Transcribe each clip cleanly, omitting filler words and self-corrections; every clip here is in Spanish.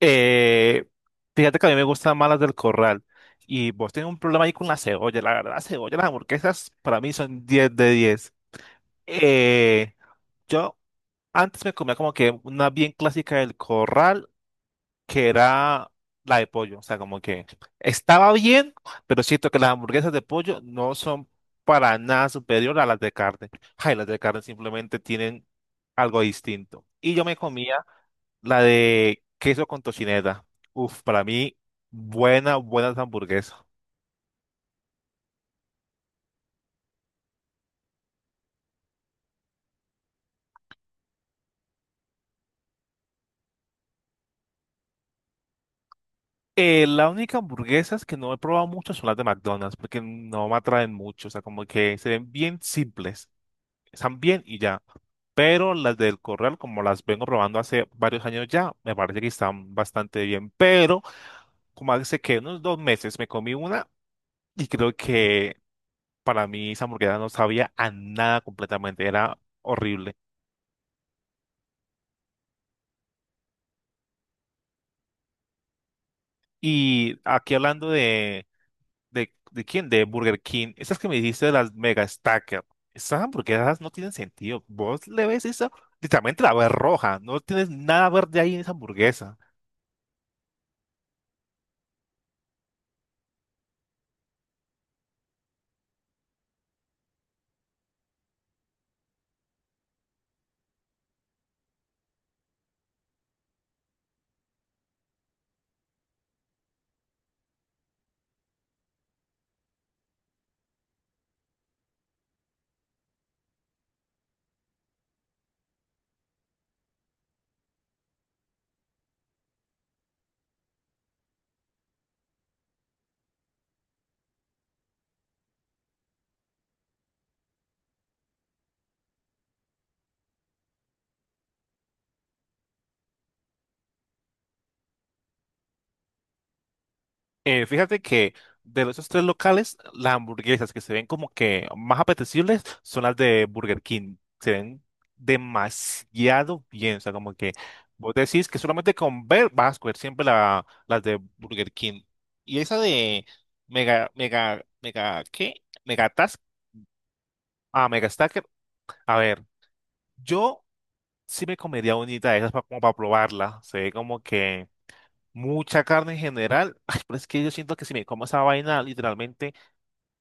Eh, fíjate que a mí me gustan más las del corral. Y vos tenés un problema ahí con la cebolla. La verdad, la cebolla, las hamburguesas para mí son 10 de 10. Eh, yo antes me comía como que una bien clásica del corral, que era la de pollo. O sea, como que estaba bien, pero siento que las hamburguesas de pollo no son para nada superior a las de carne. Ay, las de carne simplemente tienen algo distinto. Y yo me comía la de queso con tocineta. Uf, para mí, buena, buena hamburguesa. La única hamburguesas que no he probado mucho son las de McDonald's, porque no me atraen mucho. O sea, como que se ven bien simples. Están bien y ya. Pero las del Corral, como las vengo probando hace varios años ya, me parece que están bastante bien. Pero, como hace que unos 2 meses me comí una y creo que para mí esa hamburguesa no sabía a nada completamente. Era horrible. Y aquí hablando de ¿De quién? De Burger King. Esas que me dijiste de las Mega Stacker. Esas hamburguesas no tienen sentido. Vos le ves eso, literalmente la ves roja. No tienes nada verde ahí en esa hamburguesa. Fíjate que de esos 3 locales, las hamburguesas que se ven como que más apetecibles son las de Burger King. Se ven demasiado bien. O sea, como que vos decís que solamente con ver vas a escoger siempre las de Burger King. Y esa de Mega, Mega, Mega, ¿qué? Megatas. Ah, mega stacker. A ver, yo sí me comería unita de esas como para probarla. Se ve como que mucha carne en general. Ay, pero es que yo siento que si me como esa vaina, literalmente,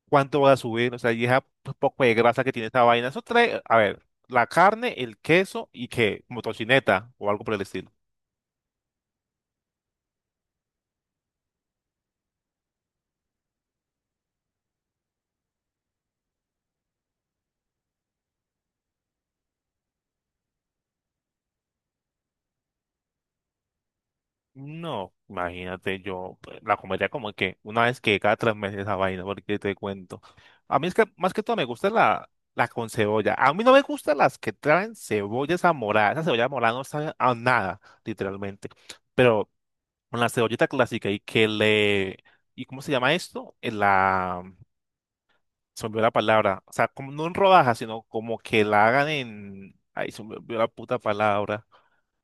¿cuánto voy a subir? O sea, y esa poco de grasa que tiene esa vaina. Eso trae, a ver, la carne, el queso y que, como tocineta o algo por el estilo. No, imagínate, yo pues, la comería como que una vez que cada 3 meses esa vaina, porque te cuento. A mí es que más que todo me gusta la con cebolla. A mí no me gustan las que traen cebolla esa morada. Esa cebolla morada no sabe a nada, literalmente. Pero con la cebollita clásica y que le... ¿Y cómo se llama esto? En La... Se me olvidó la palabra. O sea, como no en rodajas, sino como que la hagan en... Ay, se me olvidó la puta palabra.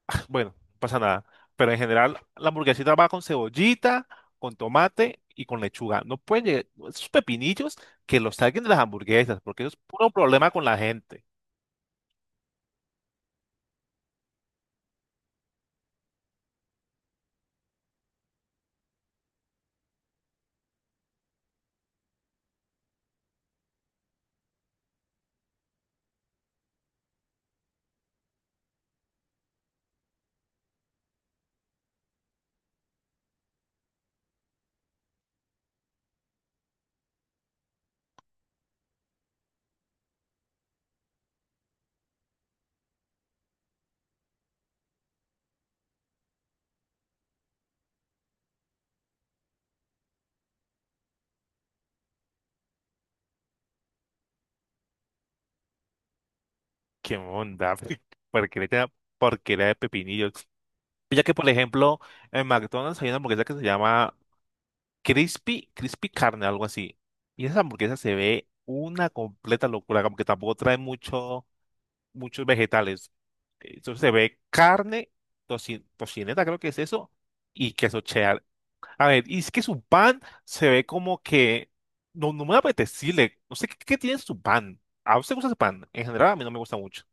Bueno, no pasa nada. Pero en general, la hamburguesita va con cebollita, con tomate y con lechuga. No pueden llegar esos pepinillos que los saquen de las hamburguesas, porque eso es puro problema con la gente. ¿Qué onda? Porque le echan porquería de pepinillos. Ya que, por ejemplo, en McDonald's hay una hamburguesa que se llama Crispy, Crispy Carne, algo así. Y esa hamburguesa se ve una completa locura, como que tampoco trae mucho, muchos vegetales. Eso se ve carne, tocineta, creo que es eso, y queso cheddar. A ver, y es que su pan se ve como que no me apetecible. No sé qué tiene su pan. ¿A usted le gusta su pan? En general, a mí no me gusta mucho.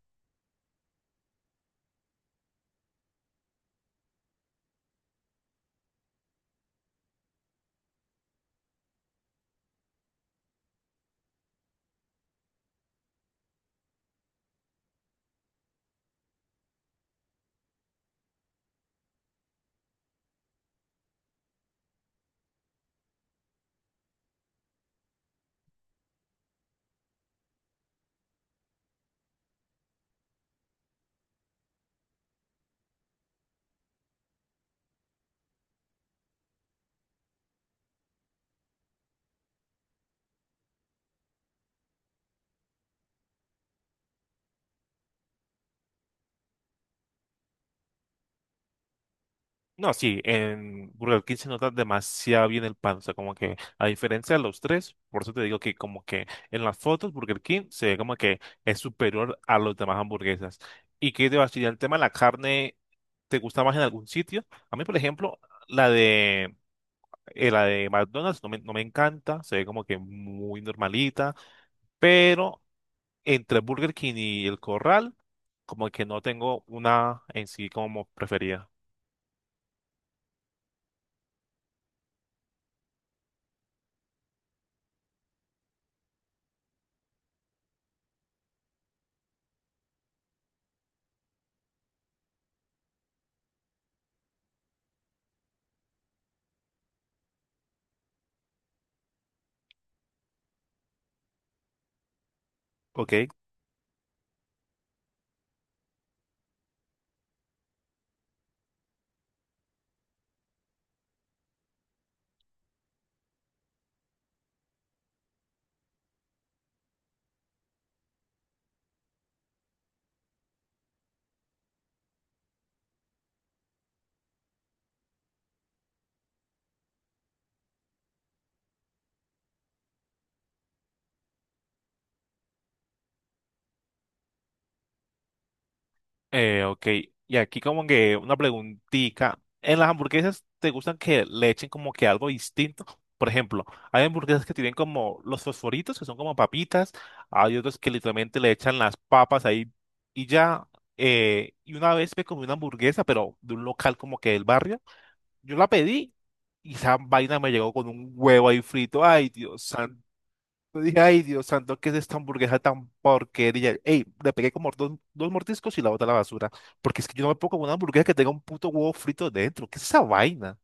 No, sí, en Burger King se nota demasiado bien el pan, o sea, como que a diferencia de los tres, por eso te digo que como que en las fotos Burger King se ve como que es superior a los demás hamburguesas. ¿Y qué te va a decir? El tema de la carne, ¿te gusta más en algún sitio? A mí, por ejemplo, la de, la de McDonald's no me encanta, se ve como que muy normalita, pero entre Burger King y El Corral, como que no tengo una en sí como preferida. Ok. Ok, y aquí como que una preguntita. ¿En las hamburguesas te gustan que le echen como que algo distinto? Por ejemplo, hay hamburguesas que tienen como los fosforitos, que son como papitas, hay otros que literalmente le echan las papas ahí y ya. Y una vez me comí una hamburguesa, pero de un local como que del barrio, yo la pedí y esa vaina me llegó con un huevo ahí frito. Ay, Dios santo. Yo dije, ay, Dios santo, ¿qué es esta hamburguesa tan porquería? Ey, le pegué como dos mordiscos y la boté a la basura. Porque es que yo no me puedo comer una hamburguesa que tenga un puto huevo frito dentro. ¿Qué es esa vaina?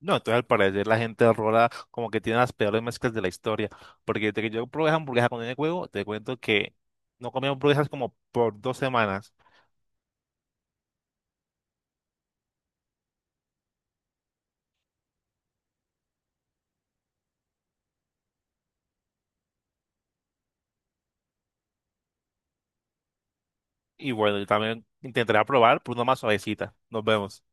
No, entonces al parecer la gente de Rola como que tiene las peores mezclas de la historia. Porque desde que yo probé esa hamburguesa con el huevo, te cuento que no comí hamburguesas como por 2 semanas. Y bueno, yo también intentaré probar por una más suavecita. Nos vemos.